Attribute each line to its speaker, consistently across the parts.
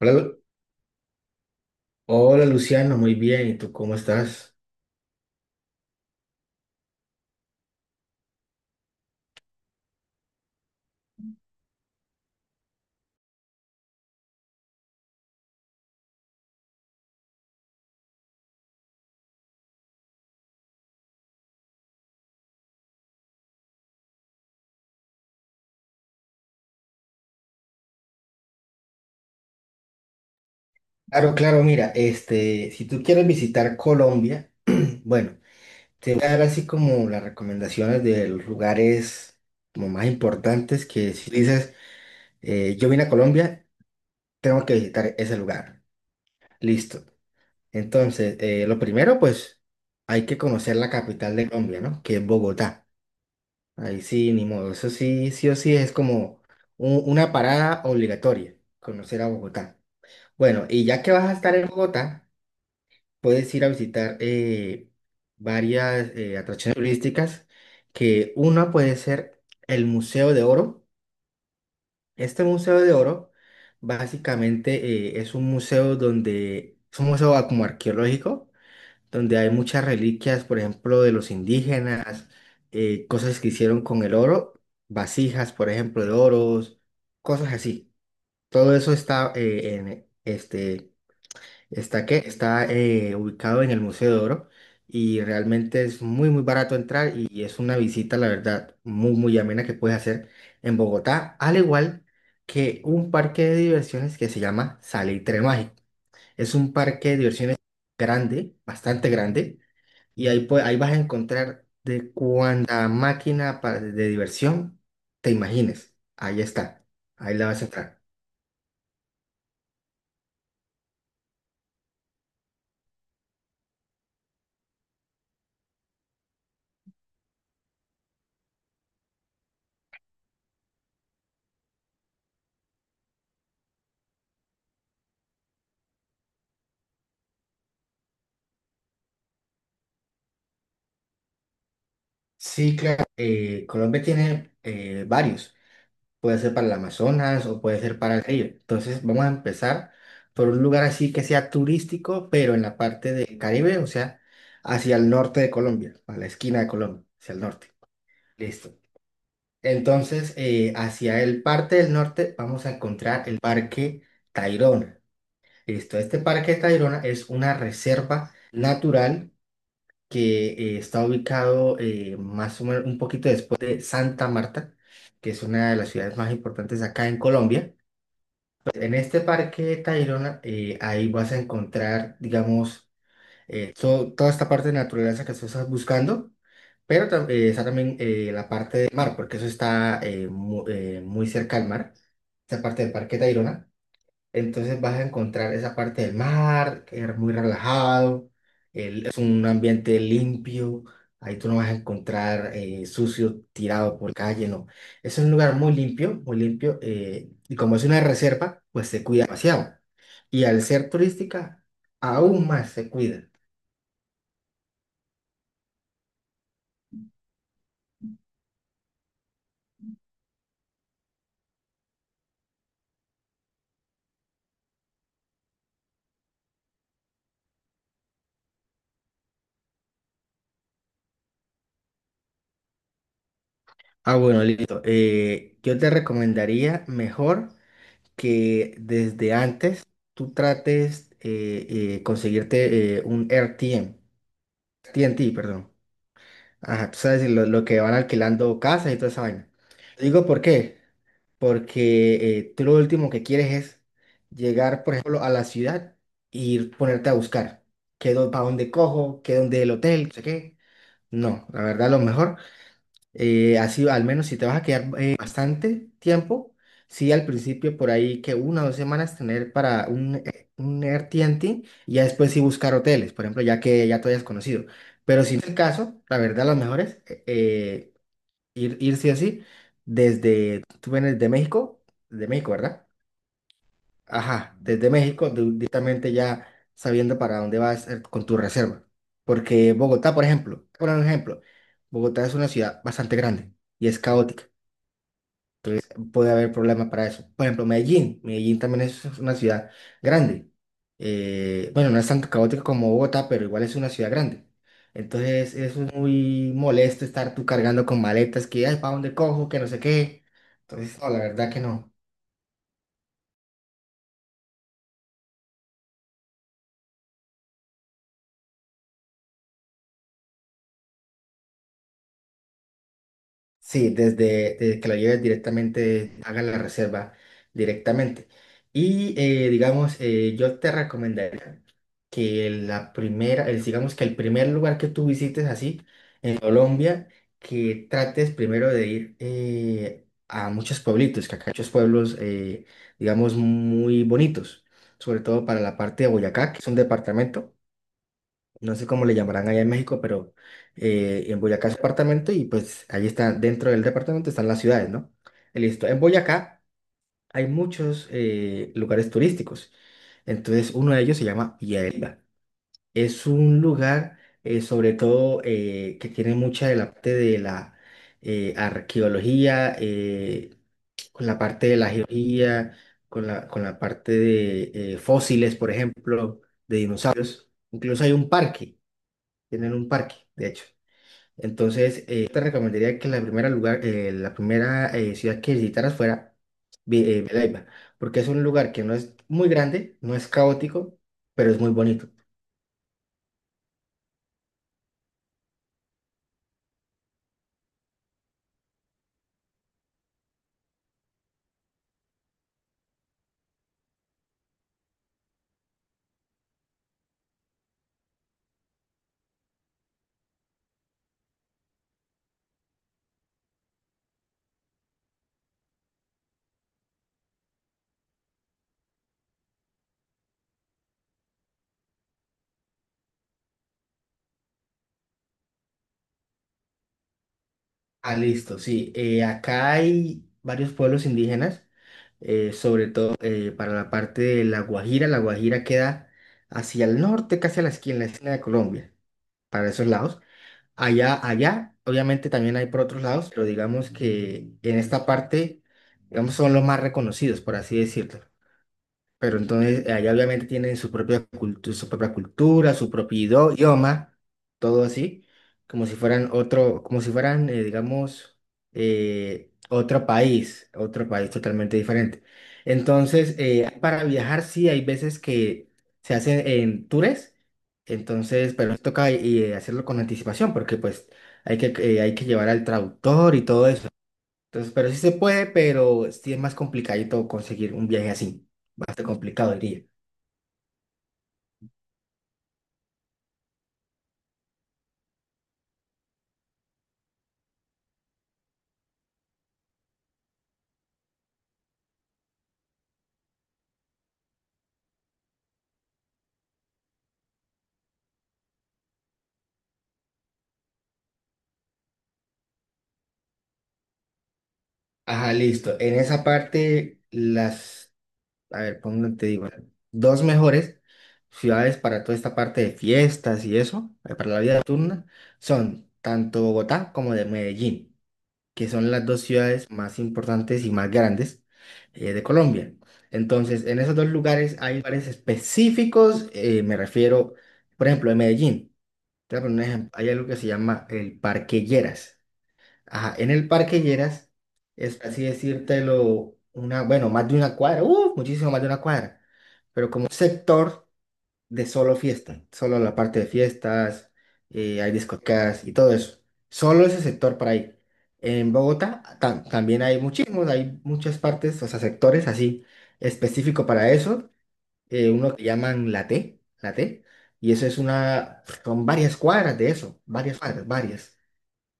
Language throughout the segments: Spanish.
Speaker 1: Hola, hola, Luciano, muy bien. ¿Y tú cómo estás? Claro, claro, mira, si tú quieres visitar Colombia, bueno, te voy a dar así como las recomendaciones de los lugares como más importantes que si dices, yo vine a Colombia, tengo que visitar ese lugar. Listo. Entonces, lo primero, pues, hay que conocer la capital de Colombia, ¿no? Que es Bogotá. Ahí sí, ni modo. Eso sí, sí o sí es como una parada obligatoria, conocer a Bogotá. Bueno, y ya que vas a estar en Bogotá, puedes ir a visitar varias atracciones turísticas, que una puede ser el Museo de Oro. Este Museo de Oro básicamente es un museo donde, es un museo como arqueológico, donde hay muchas reliquias, por ejemplo, de los indígenas, cosas que hicieron con el oro, vasijas, por ejemplo, de oros, cosas así. Todo eso está en este está ubicado en el Museo de Oro y realmente es muy barato entrar y es una visita, la verdad, muy amena que puedes hacer en Bogotá, al igual que un parque de diversiones que se llama Salitre Mágico. Es un parque de diversiones grande, bastante grande y ahí vas a encontrar de cuánta máquina de diversión te imagines. Ahí está. Ahí la vas a entrar. Sí, claro. Colombia tiene varios. Puede ser para el Amazonas o puede ser para el río. Entonces vamos a empezar por un lugar así que sea turístico, pero en la parte del Caribe, o sea, hacia el norte de Colombia, a la esquina de Colombia, hacia el norte. Listo. Entonces, hacia el parte del norte vamos a encontrar el Parque Tayrona. Listo, este Parque Tayrona es una reserva natural que está ubicado más o menos un poquito después de Santa Marta, que es una de las ciudades más importantes acá en Colombia. En este parque Tayrona, ahí vas a encontrar, digamos, toda esta parte de naturaleza que tú estás buscando, pero está también la parte del mar, porque eso está muy cerca al mar, esa parte del parque Tayrona. Entonces vas a encontrar esa parte del mar, que es muy relajado, es un ambiente limpio, ahí tú no vas a encontrar sucio tirado por calle, no. Es un lugar muy limpio, y como es una reserva, pues se cuida demasiado. Y al ser turística, aún más se cuida. Ah, bueno, listo. Yo te recomendaría mejor que desde antes tú trates conseguirte un RTM. TNT, perdón. Ajá, tú sabes lo que van alquilando casas y toda esa vaina. Digo, ¿por qué? Porque tú lo último que quieres es llegar, por ejemplo, a la ciudad y ir ponerte a buscar. ¿Qué, para dónde cojo? ¿Qué dónde el hotel? No sé qué. No, la verdad, lo mejor así, al menos si te vas a quedar bastante tiempo, sí, al principio por ahí que una o dos semanas tener para un AirTNT y ya después sí buscar hoteles, por ejemplo, ya que ya te hayas conocido. Pero si no es el caso, la verdad, los mejores, ir sí o sí, tú vienes de México, ¿verdad? Ajá, desde México, directamente ya sabiendo para dónde vas con tu reserva. Porque Bogotá, por ejemplo, por un ejemplo, Bogotá es una ciudad bastante grande y es caótica. Entonces puede haber problemas para eso. Por ejemplo, Medellín. Medellín también es una ciudad grande. Bueno, no es tan caótica como Bogotá, pero igual es una ciudad grande. Entonces eso es muy molesto estar tú cargando con maletas que, ay, ¿para dónde cojo? Que no sé qué. Entonces, no, la verdad que no. Sí, desde que la lleves directamente, hagas la reserva directamente. Y digamos, yo te recomendaría que digamos que el primer lugar que tú visites así en Colombia, que trates primero de ir a muchos pueblitos, que acá hay muchos pueblos, digamos, muy bonitos, sobre todo para la parte de Boyacá, que es un departamento no sé cómo le llamarán allá en México, pero en Boyacá es departamento y pues ahí está, dentro del departamento están las ciudades, ¿no? Y listo. En Boyacá hay muchos lugares turísticos. Entonces, uno de ellos se llama Villahermosa. Es un lugar, sobre todo, que tiene mucha de la parte de la arqueología, con la parte de la geología, con la parte de fósiles, por ejemplo, de dinosaurios. Incluso hay un parque. Tienen un parque, de hecho. Entonces, te recomendaría que la primera ciudad que visitaras fuera Villanueva, porque es un lugar que no es muy grande, no es caótico, pero es muy bonito. Ah, listo, sí. Eh, acá hay varios pueblos indígenas, sobre todo para la parte de La Guajira. La Guajira queda hacia el norte, casi a la esquina, en la esquina de Colombia, para esos lados. Allá, obviamente también hay por otros lados, pero digamos que en esta parte, digamos, son los más reconocidos, por así decirlo. Pero entonces allá obviamente tienen su propia cultura, su propia cultura, su propio idioma, todo así, como si fueran otro, como si fueran, digamos, otro país totalmente diferente. Entonces, para viajar sí hay veces que se hacen en tours, entonces, pero nos toca hacerlo con anticipación porque pues hay que llevar al traductor y todo eso. Entonces, pero sí se puede, pero sí es más complicadito conseguir un viaje así. Bastante complicado, diría. Ajá, listo. En esa parte, a ver, ¿cómo te digo? Dos mejores ciudades para toda esta parte de fiestas y eso, para la vida nocturna, son tanto Bogotá como de Medellín, que son las dos ciudades más importantes y más grandes de Colombia. Entonces, en esos dos lugares hay lugares específicos, me refiero, por ejemplo, en Medellín. Te voy a poner un ejemplo. Hay algo que se llama el Parque Lleras. Ajá, en el Parque Lleras es así decírtelo, una, bueno, más de una cuadra, muchísimo más de una cuadra, pero como un sector de solo fiesta, solo la parte de fiestas, hay discotecas y todo eso. Solo ese sector para ahí. En Bogotá también hay muchísimos, hay muchas partes, o sea, sectores así específico para eso uno que llaman la T, y eso es una, son varias cuadras de eso, varias cuadras, varias,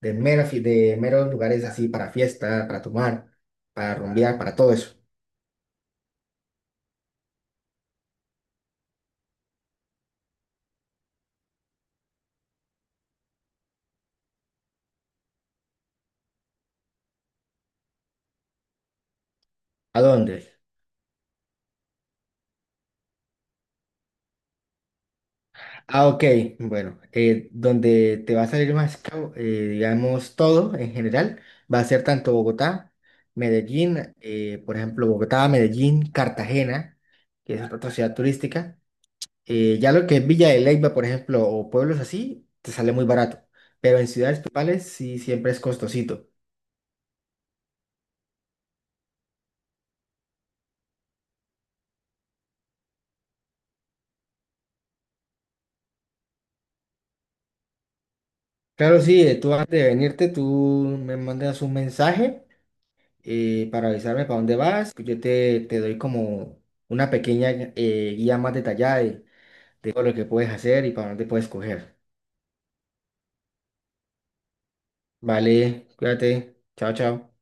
Speaker 1: de, de meros lugares así para fiesta, para tomar, para rumbear, para todo eso. ¿A dónde? Ah, ok, bueno, donde te va a salir más caro, digamos, todo en general, va a ser tanto Bogotá, Medellín, por ejemplo, Bogotá, Medellín, Cartagena, que es otra ciudad turística. Ya lo que es Villa de Leyva, por ejemplo, o pueblos así, te sale muy barato. Pero en ciudades principales sí siempre es costosito. Claro, sí, tú antes de venirte, tú me mandas un mensaje para avisarme para dónde vas. Pues yo te doy como una pequeña guía más detallada de todo lo que puedes hacer y para dónde puedes coger. Vale, cuídate. Chao, chao.